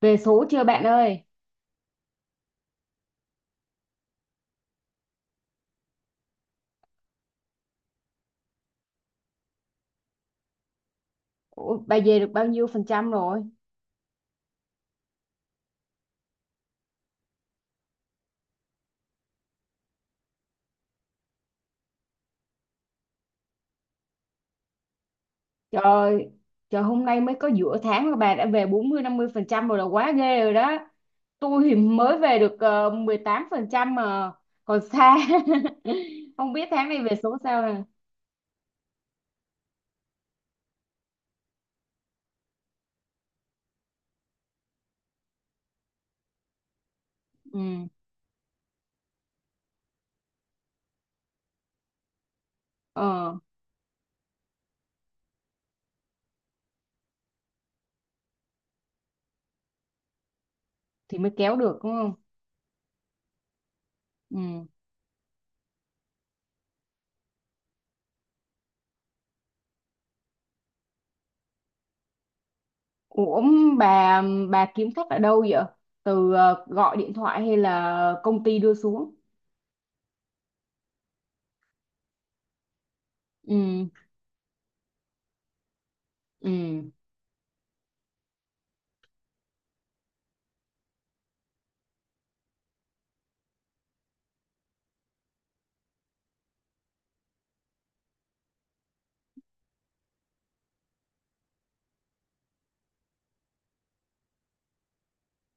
Về số chưa bạn ơi? Ủa, bà về được bao nhiêu phần trăm rồi? Trời trời hôm nay mới có giữa tháng mà bà đã về bốn mươi năm mươi phần trăm rồi là quá ghê rồi đó. Tôi thì mới về được 18 phần trăm mà còn xa. Không biết tháng này về số sao nè. Ừ. Ờ thì mới kéo được đúng không? Ừ. Ủa, bà bà kiếm khách ở đâu vậy? Từ gọi điện thoại hay là công ty đưa xuống? Ừ. Ừ.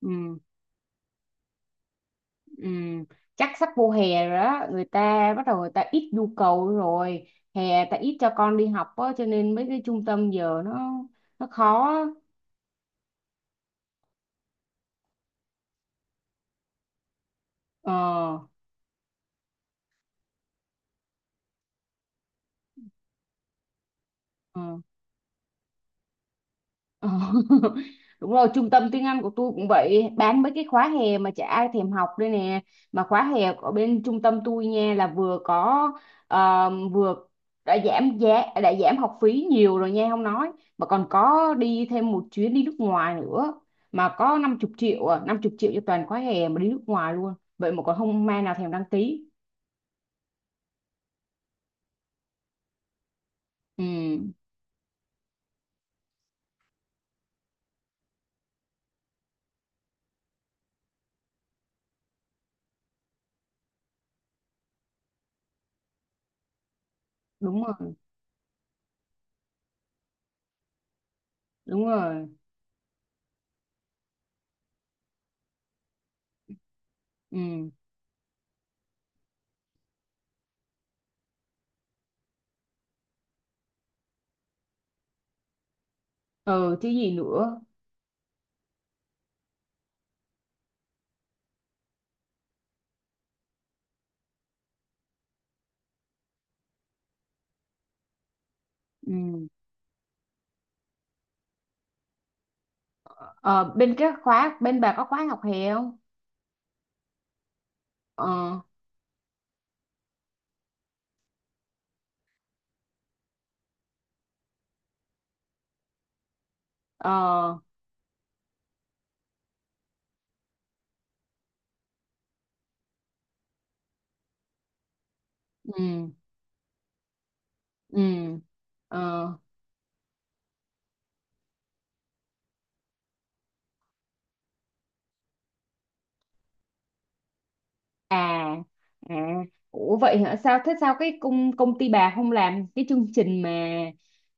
Ừ. Ừm, Chắc sắp vô hè rồi đó, người ta bắt đầu người ta ít nhu cầu rồi, hè ta ít cho con đi học á, cho nên mấy cái trung tâm giờ nó khó á. Ờ ờ. Ờ. Đúng rồi, trung tâm tiếng Anh của tôi cũng vậy, bán mấy cái khóa hè mà chả ai thèm học đây nè. Mà khóa hè ở bên trung tâm tôi nha là vừa có vừa đã giảm giá, đã giảm học phí nhiều rồi nha không nói, mà còn có đi thêm một chuyến đi nước ngoài nữa, mà có 50 triệu à, 50 triệu cho toàn khóa hè mà đi nước ngoài luôn. Vậy mà còn không ai nào thèm đăng ký. Ừ, đúng rồi, đúng rồi. Ừ, ừ chứ gì nữa. Ừ. Ờ, bên cái khóa bên bà có khóa học hè không? Ờ ờ ừ ừ ờ à à. Ủa vậy hả? Sao thế, sao cái công công ty bà không làm cái chương trình mà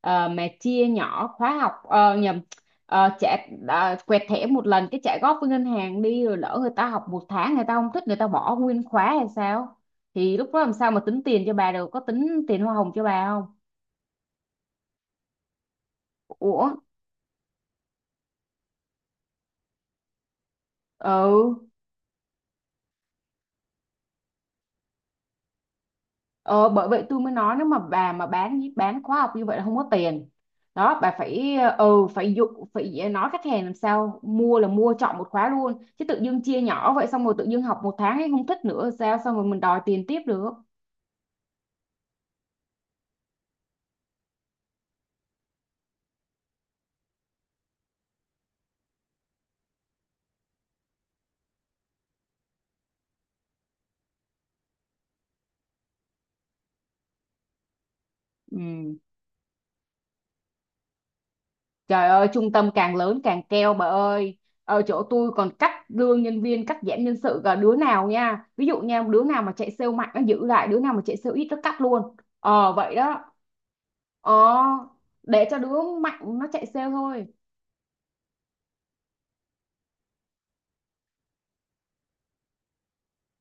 mà chia nhỏ khóa học nhầm trả quẹt thẻ một lần cái trả góp với ngân hàng đi, rồi lỡ người ta học một tháng người ta không thích người ta bỏ nguyên khóa hay sao? Thì lúc đó làm sao mà tính tiền cho bà được? Có tính tiền hoa hồng cho bà không? Ủa? Ừ. Ờ, bởi vậy tôi mới nói nếu mà bà mà bán khóa học như vậy là không có tiền. Đó bà phải phải dụ, phải nói khách hàng làm sao mua là mua chọn một khóa luôn chứ tự dưng chia nhỏ vậy, xong rồi tự dưng học một tháng ấy không thích nữa sao, xong rồi mình đòi tiền tiếp được. Ừ. Trời ơi, trung tâm càng lớn càng keo bà ơi. Ở chỗ tôi còn cắt lương nhân viên, cắt giảm nhân sự, cả đứa nào nha, ví dụ nha, đứa nào mà chạy sale mạnh nó giữ lại, đứa nào mà chạy sale ít nó cắt luôn, ờ vậy đó. Ờ, để cho đứa mạnh nó chạy sale thôi.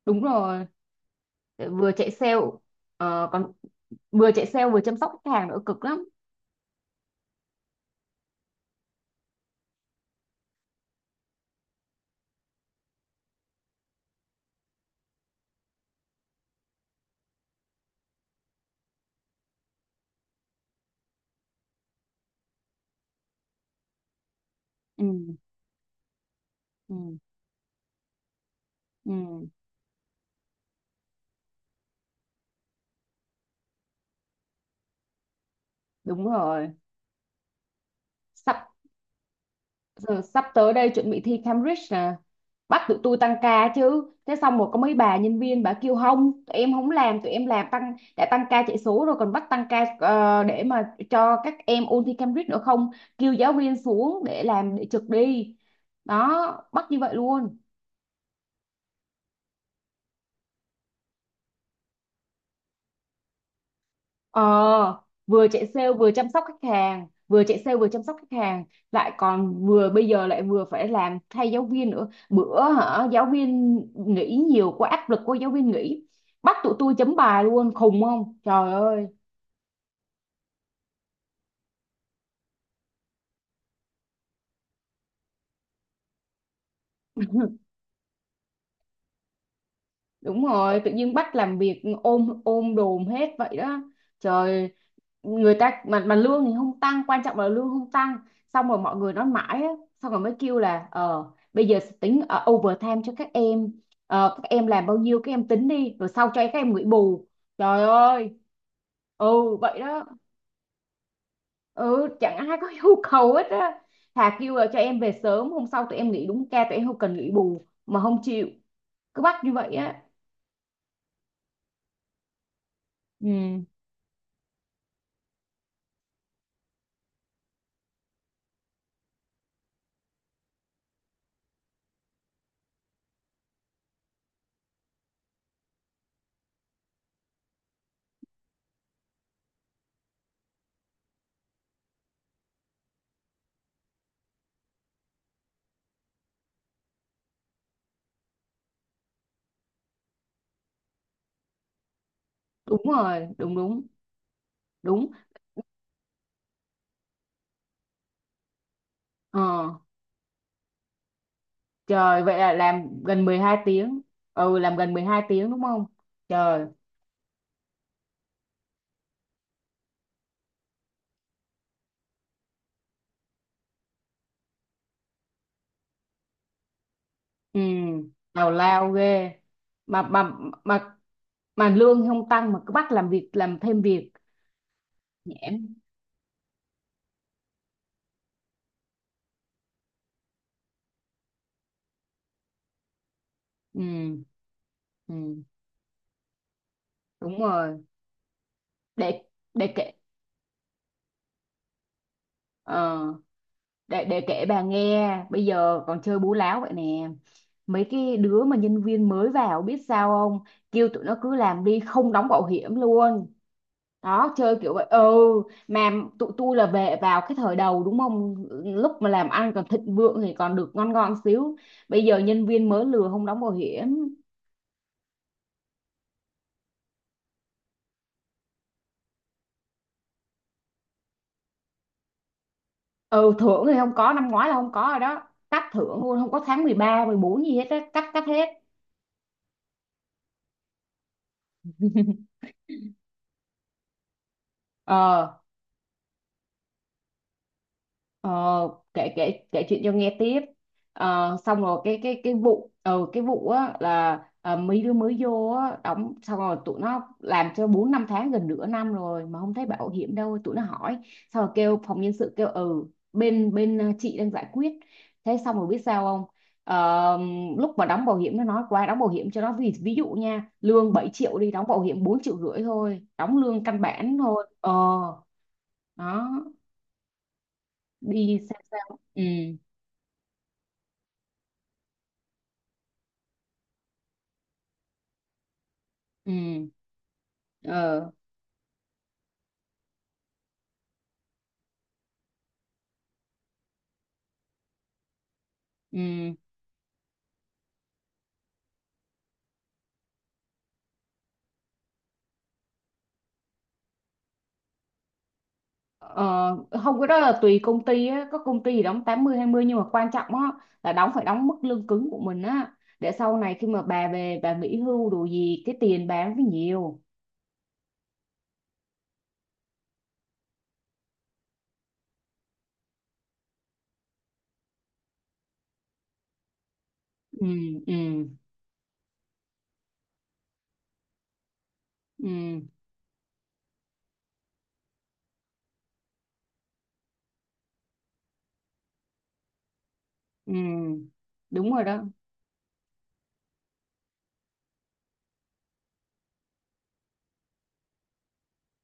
Đúng rồi, vừa chạy sale, còn vừa chạy sale vừa chăm sóc khách hàng nữa, cực lắm. Ừ, ừ, ừ, đúng rồi. Sắp giờ sắp tới đây chuẩn bị thi Cambridge nè, bắt tụi tôi tăng ca chứ thế, xong rồi có mấy bà nhân viên bà kêu không, tụi em không làm, tụi em làm tăng đã tăng ca chạy số rồi còn bắt tăng ca để mà cho các em ôn thi Cambridge nữa không, kêu giáo viên xuống để làm để trực đi. Đó, bắt như vậy luôn. Ờ, vừa chạy sale vừa chăm sóc khách hàng, vừa chạy sale vừa chăm sóc khách hàng, lại còn vừa bây giờ lại vừa phải làm thay giáo viên nữa. Bữa hả, giáo viên nghỉ nhiều quá, áp lực của giáo viên nghỉ, bắt tụi tôi chấm bài luôn, khùng không? Trời ơi. Đúng rồi, tự nhiên bắt làm việc ôm ôm đồm hết vậy đó. Trời, người ta mà lương thì không tăng, quan trọng là lương không tăng, xong rồi mọi người nói mãi á, xong rồi mới kêu là ờ bây giờ tính overtime cho các em. Ờ, các em làm bao nhiêu các em tính đi rồi sau cho các em nghỉ bù. Trời ơi. Ừ vậy đó. Ừ chẳng ai có nhu cầu hết á. Thà kêu là cho em về sớm, hôm sau tụi em nghỉ đúng ca, tụi em không cần nghỉ bù mà không chịu, cứ bắt như vậy á. Ừ, đúng rồi, đúng đúng. Đúng. Ờ trời, vậy là làm gần mười hai tiếng. Ừ, làm gần mười hai tiếng đúng không. Trời. Ừ, tào lao ghê. Mà mà mà mà lương không tăng mà cứ bắt làm việc làm thêm việc. Nhẽm. Ừ. Ừ đúng rồi. để để kể ờ để kể bà nghe bây giờ còn chơi bú láo vậy nè. Mấy cái đứa mà nhân viên mới vào biết sao không, kêu tụi nó cứ làm đi không đóng bảo hiểm luôn. Đó, chơi kiểu vậy. Ừ, mà tụi tôi là về vào cái thời đầu đúng không, lúc mà làm ăn còn thịnh vượng thì còn được ngon ngon xíu, bây giờ nhân viên mới lừa không đóng bảo hiểm. Ừ, thưởng thì không có, năm ngoái là không có rồi đó, cắt thưởng luôn, không có tháng mười ba mười bốn gì hết á, cắt cắt hết. Ờ. Ờ, kể kể kể chuyện cho nghe tiếp. Ờ, xong rồi cái cái vụ cái vụ á là ờ, mấy đứa mới vô á đóng xong rồi tụi nó làm cho bốn năm tháng, gần nửa năm rồi mà không thấy bảo hiểm đâu, tụi nó hỏi, xong rồi kêu phòng nhân sự kêu ừ bên bên ờ, chị đang giải quyết. Thế xong rồi biết sao không, ờ, lúc mà đóng bảo hiểm nó nói qua đóng bảo hiểm cho nó, ví dụ nha lương 7 triệu đi, đóng bảo hiểm 4 triệu rưỡi thôi, đóng lương căn bản thôi ờ. Đó đi sao sao ừ ừ ờ ừ ờ, không cái đó là tùy công ty á, có công ty thì đóng tám mươi hai mươi, nhưng mà quan trọng á là đóng phải đóng mức lương cứng của mình á, để sau này khi mà bà về bà nghỉ hưu đồ gì cái tiền bà nó phải nhiều. Ừ ừ ừ ừ đúng rồi đó.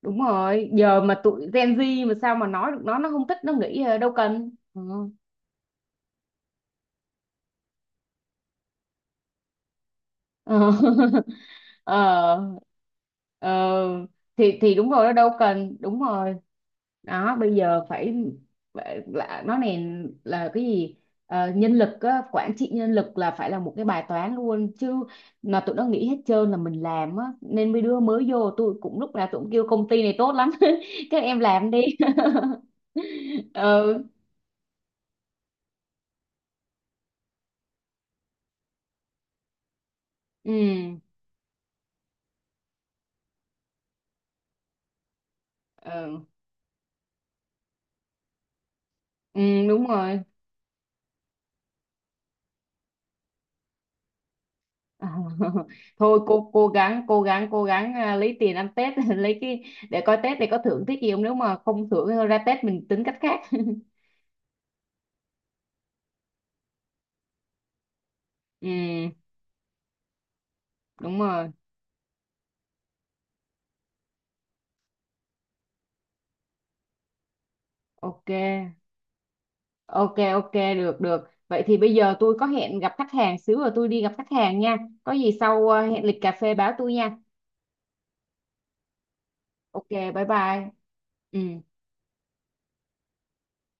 Đúng rồi, giờ mà tụi Gen Z mà sao mà nói được, nó không thích, nó nghĩ ờ, đâu cần ừ. Ờ. Ờ ờ, thì đúng rồi đó, đâu cần, đúng rồi đó. Bây giờ phải là nó này là cái gì. Ờ, nhân lực á, quản trị nhân lực là phải là một cái bài toán luôn chứ, mà tụi nó nghĩ hết trơn là mình làm á, nên mấy đứa mới vô tôi cũng lúc nào tụi cũng kêu công ty này tốt lắm các em làm đi. Ừ ừ ừ ừ, đúng rồi. À, thôi cô cố gắng, cố gắng à, lấy tiền ăn Tết lấy cái, để coi Tết để có thưởng Tết gì không, nếu mà không thưởng thì thôi ra Tết mình tính cách khác. Ừ đúng rồi. Ok ok Ok, được được, vậy thì bây giờ tôi có hẹn gặp khách hàng xíu rồi, tôi đi gặp khách hàng nha. Có gì sau à, hẹn lịch cà phê báo tôi nha. Ok, bye bye. Ừ.